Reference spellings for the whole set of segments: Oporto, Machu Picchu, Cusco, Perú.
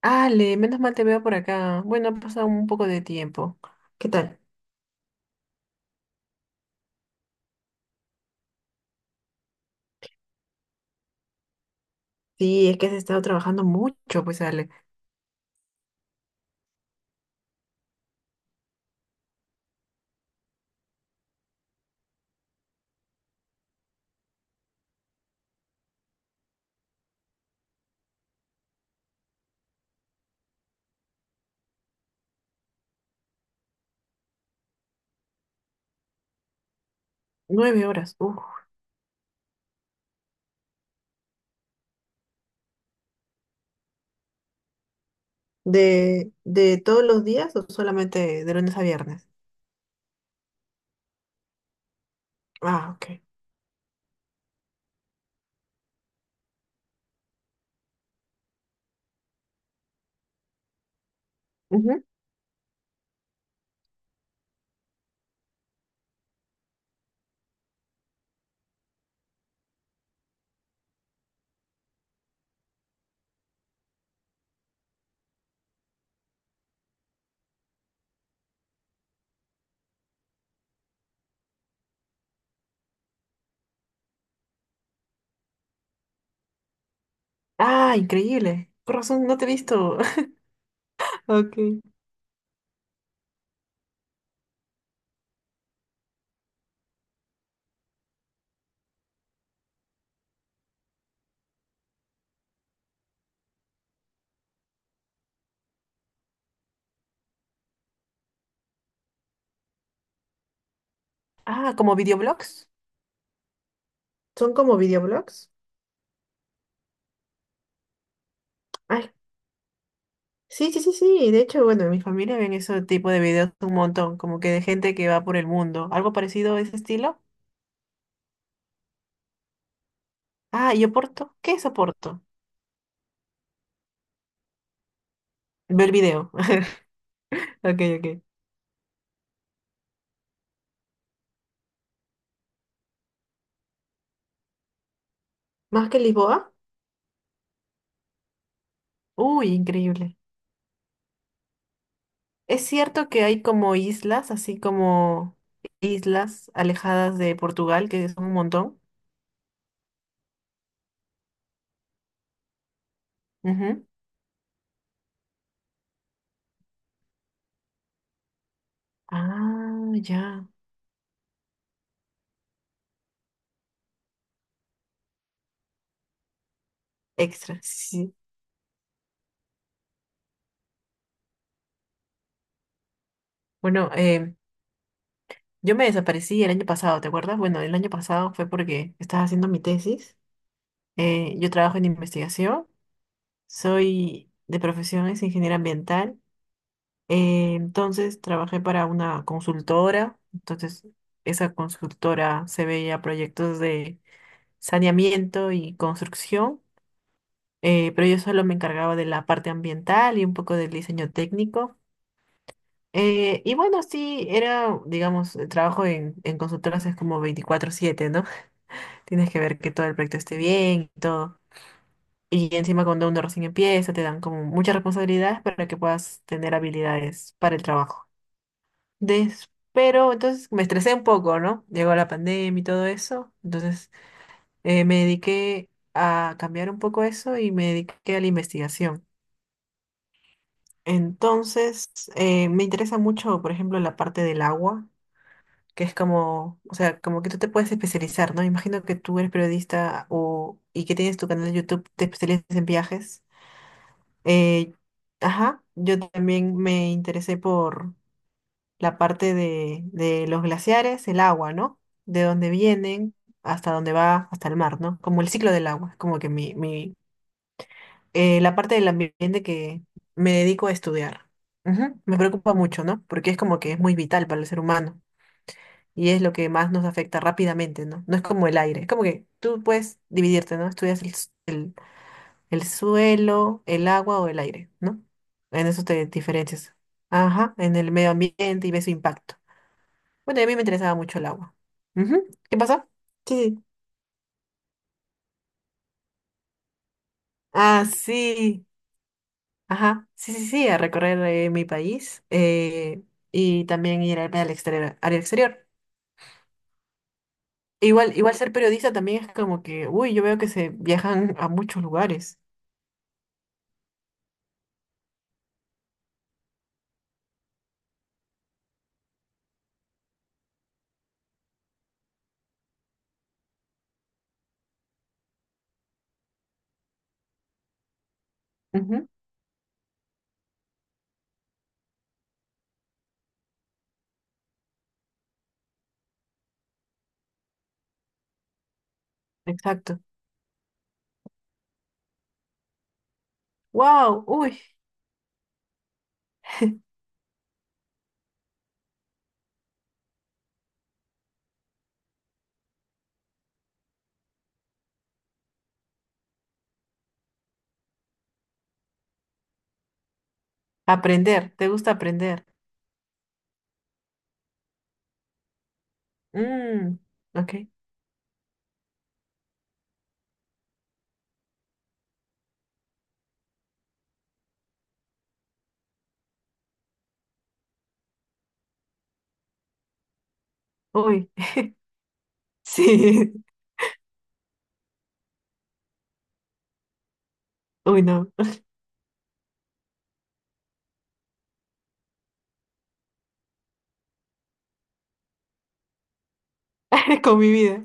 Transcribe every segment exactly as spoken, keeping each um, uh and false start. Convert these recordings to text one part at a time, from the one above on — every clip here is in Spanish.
Ale, menos mal te veo por acá. Bueno, ha pasado un poco de tiempo. ¿Qué tal? Sí, es que has estado trabajando mucho, pues Ale. Nueve horas. Uf. ¿De, de todos los días o solamente de lunes a viernes? Ah, ok. Ujú. Ah, increíble. Por razón, no te he visto. Ok. Ah, ¿como videoblogs? ¿Son como videoblogs? Ay, sí, sí, sí, sí. De hecho, bueno, en mi familia ven ese tipo de videos un montón, como que de gente que va por el mundo. ¿Algo parecido a ese estilo? Ah, ¿y Oporto? ¿Qué es Oporto? Ver video. Ok, ok. ¿Más que Lisboa? Uy, increíble. Es cierto que hay como islas, así como islas alejadas de Portugal, que son un montón. Ujú. Ah, ya. Extra, sí. Bueno, eh, yo me desaparecí el año pasado, ¿te acuerdas? Bueno, el año pasado fue porque estaba haciendo mi tesis. Eh, yo trabajo en investigación, soy de profesión es ingeniera ambiental. Eh, entonces trabajé para una consultora, entonces esa consultora se veía proyectos de saneamiento y construcción, eh, pero yo solo me encargaba de la parte ambiental y un poco del diseño técnico. Eh, y bueno, sí, era, digamos, el trabajo en, en consultoras es como veinticuatro siete, ¿no? Tienes que ver que todo el proyecto esté bien y todo. Y encima cuando uno recién empieza, te dan como muchas responsabilidades para que puedas tener habilidades para el trabajo. Des- pero entonces me estresé un poco, ¿no? Llegó la pandemia y todo eso. Entonces eh, me dediqué a cambiar un poco eso y me dediqué a la investigación. Entonces eh, me interesa mucho, por ejemplo, la parte del agua, que es como, o sea, como que tú te puedes especializar, ¿no? Imagino que tú eres periodista o, y que tienes tu canal de YouTube, te especializas en viajes. Eh, ajá, yo también me interesé la parte de, de los glaciares, el agua, ¿no? De dónde vienen hasta dónde va, hasta el mar, ¿no? Como el ciclo del agua, es como que mi, mi, eh, la parte del ambiente que me dedico a estudiar. Ujú. Me preocupa mucho, ¿no? Porque es como que es muy vital para el ser humano y es lo que más nos afecta rápidamente, ¿no? No es como el aire, es como que tú puedes dividirte, ¿no? Estudias el, s- el, el suelo, el agua o el aire, ¿no? En eso te diferencias. Ajá, en el medio ambiente y ves su impacto. Bueno, y a mí me interesaba mucho el agua. Ujú. ¿Qué pasó? Sí, sí. Ah, sí. Ajá. Sí, sí, sí, a recorrer eh, mi país, eh, y también ir al, al exterior, al exterior. Igual, igual ser periodista también es como que, uy, yo veo que se viajan a muchos lugares. Ujú. Exacto. Wow, uy. Aprender, ¿te gusta aprender? Mm, ok. Uy, sí. Uy, no. Con mi vida.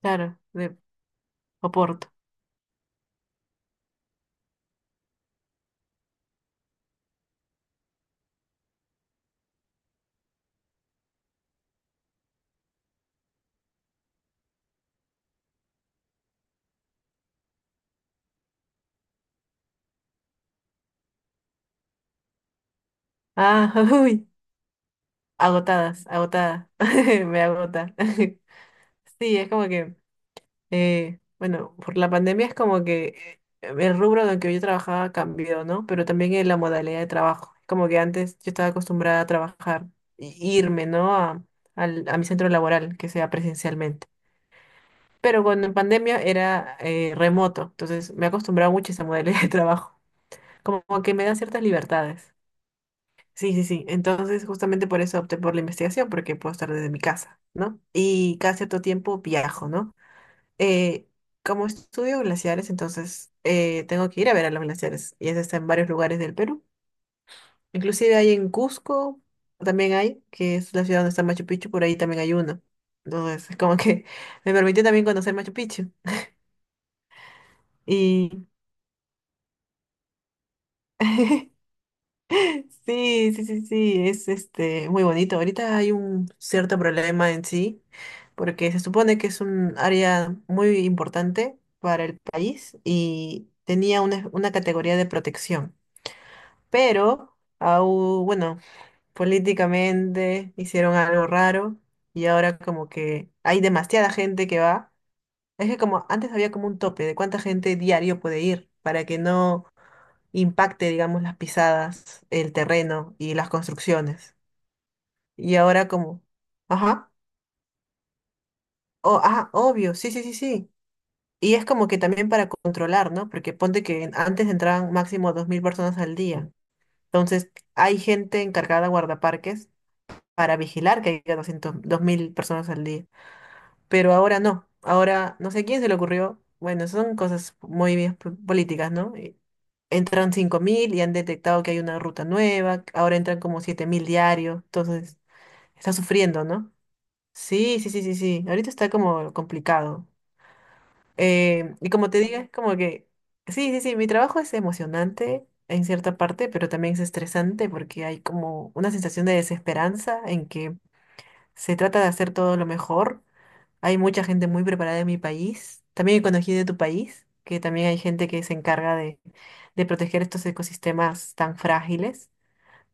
Claro, de Oporto. Ah, uy. Agotadas, agotada. Me agota. Sí, es como que, eh, bueno, por la pandemia es como que eh, el rubro en el que yo trabajaba cambió, ¿no? Pero también en la modalidad de trabajo. Como que antes yo estaba acostumbrada a trabajar, y irme, ¿no? A, al- a mi centro laboral, que sea presencialmente. Pero cuando en pandemia era eh, remoto, entonces me he acostumbrado mucho a esa modalidad de trabajo. Como que me da ciertas libertades. Sí, sí, sí. Entonces, justamente por eso opté por la investigación, porque puedo estar desde mi casa, ¿no? Y cada cierto tiempo viajo, ¿no? Eh, como estudio glaciares, entonces eh, tengo que ir a ver a los glaciares. Y eso está en varios lugares del Perú. Inclusive hay en Cusco, también hay, que es la ciudad donde está Machu Picchu, por ahí también hay uno. Entonces, es como que me permitió también conocer Machu Picchu. Y sí, sí, sí, sí, es este muy bonito. Ahorita hay un cierto problema en sí, porque se supone que es un área muy importante para el país y tenía una, una categoría de protección. Pero, au- bueno, políticamente hicieron algo raro y ahora como que hay demasiada gente que va. Es que como antes había como un tope de cuánta gente diario puede ir para que no impacte, digamos, las pisadas, el terreno y las construcciones. Y ahora como, ajá, oh, ah, obvio, sí, sí, sí, sí. Y es como que también para controlar, ¿no? Porque ponte que antes entraban máximo dos mil personas al día. Entonces, hay gente encargada de guardaparques para vigilar que haya doscientos dos mil personas al día. Pero ahora no. Ahora no sé quién se le ocurrió. Bueno, son cosas muy bien po- políticas, ¿no? Y entran cinco mil y han detectado que hay una ruta nueva, ahora entran como siete mil diarios, entonces está sufriendo, ¿no? Sí, sí, sí, sí, sí, ahorita está como complicado. Eh, y como te diga, es como que, sí, sí, sí, mi trabajo es emocionante en cierta parte, pero también es estresante porque hay como una sensación de desesperanza en que se trata de hacer todo lo mejor. Hay mucha gente muy preparada en mi país. También conocí de tu país, que también hay gente que se encarga de, de proteger estos ecosistemas tan frágiles.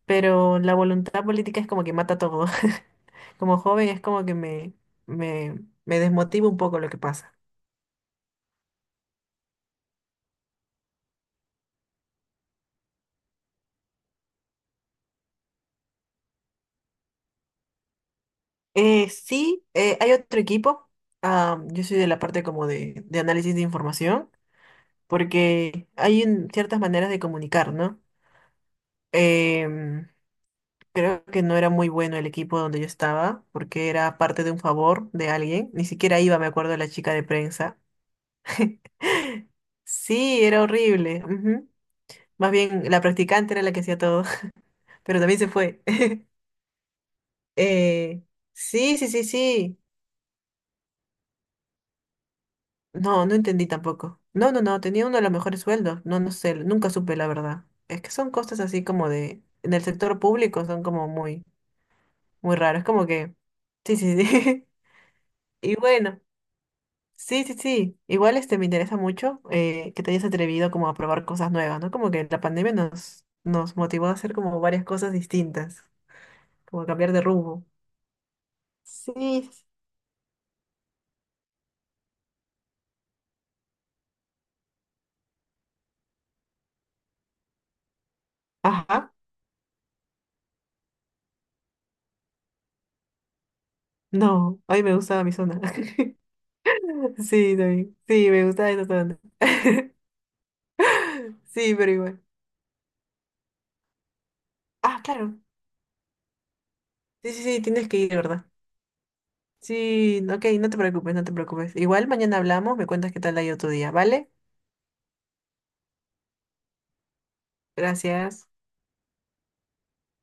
Pero la voluntad política es como que mata todo. Como joven es como que me, me, me desmotiva un poco lo que pasa. Eh, sí, eh, hay otro equipo. Ah, yo soy de la parte como de, de análisis de información, porque hay un- ciertas maneras de comunicar, ¿no? Em, creo que no era muy bueno el equipo donde yo estaba, porque era parte de un favor de alguien. Ni siquiera iba, me acuerdo, la chica de prensa. Sí, era horrible. Ujú. Más bien, la practicante era la que hacía todo, pero también se fue. Eh, sí, sí, sí, sí. No, no entendí tampoco. No, no, no, tenía uno de los mejores sueldos. No, no sé, nunca supe la verdad. Es que son cosas así como de, en el sector público son como muy, muy raros. Es como que, sí, sí, sí. Y bueno. Sí, sí, sí. Igual este me interesa mucho eh, que te hayas atrevido como a probar cosas nuevas, ¿no? Como que la pandemia nos, nos motivó a hacer como varias cosas distintas, como a cambiar de rumbo. Sí. Ajá. No, a mí me gustaba mi zona. Sí, también. Sí, me gustaba esa zona. Sí, pero igual. Ah, claro. Sí, sí, sí, tienes que ir, ¿verdad? Sí, ok, no te preocupes, no te preocupes. Igual mañana hablamos, me cuentas qué tal ha ido tu día, ¿vale? Gracias.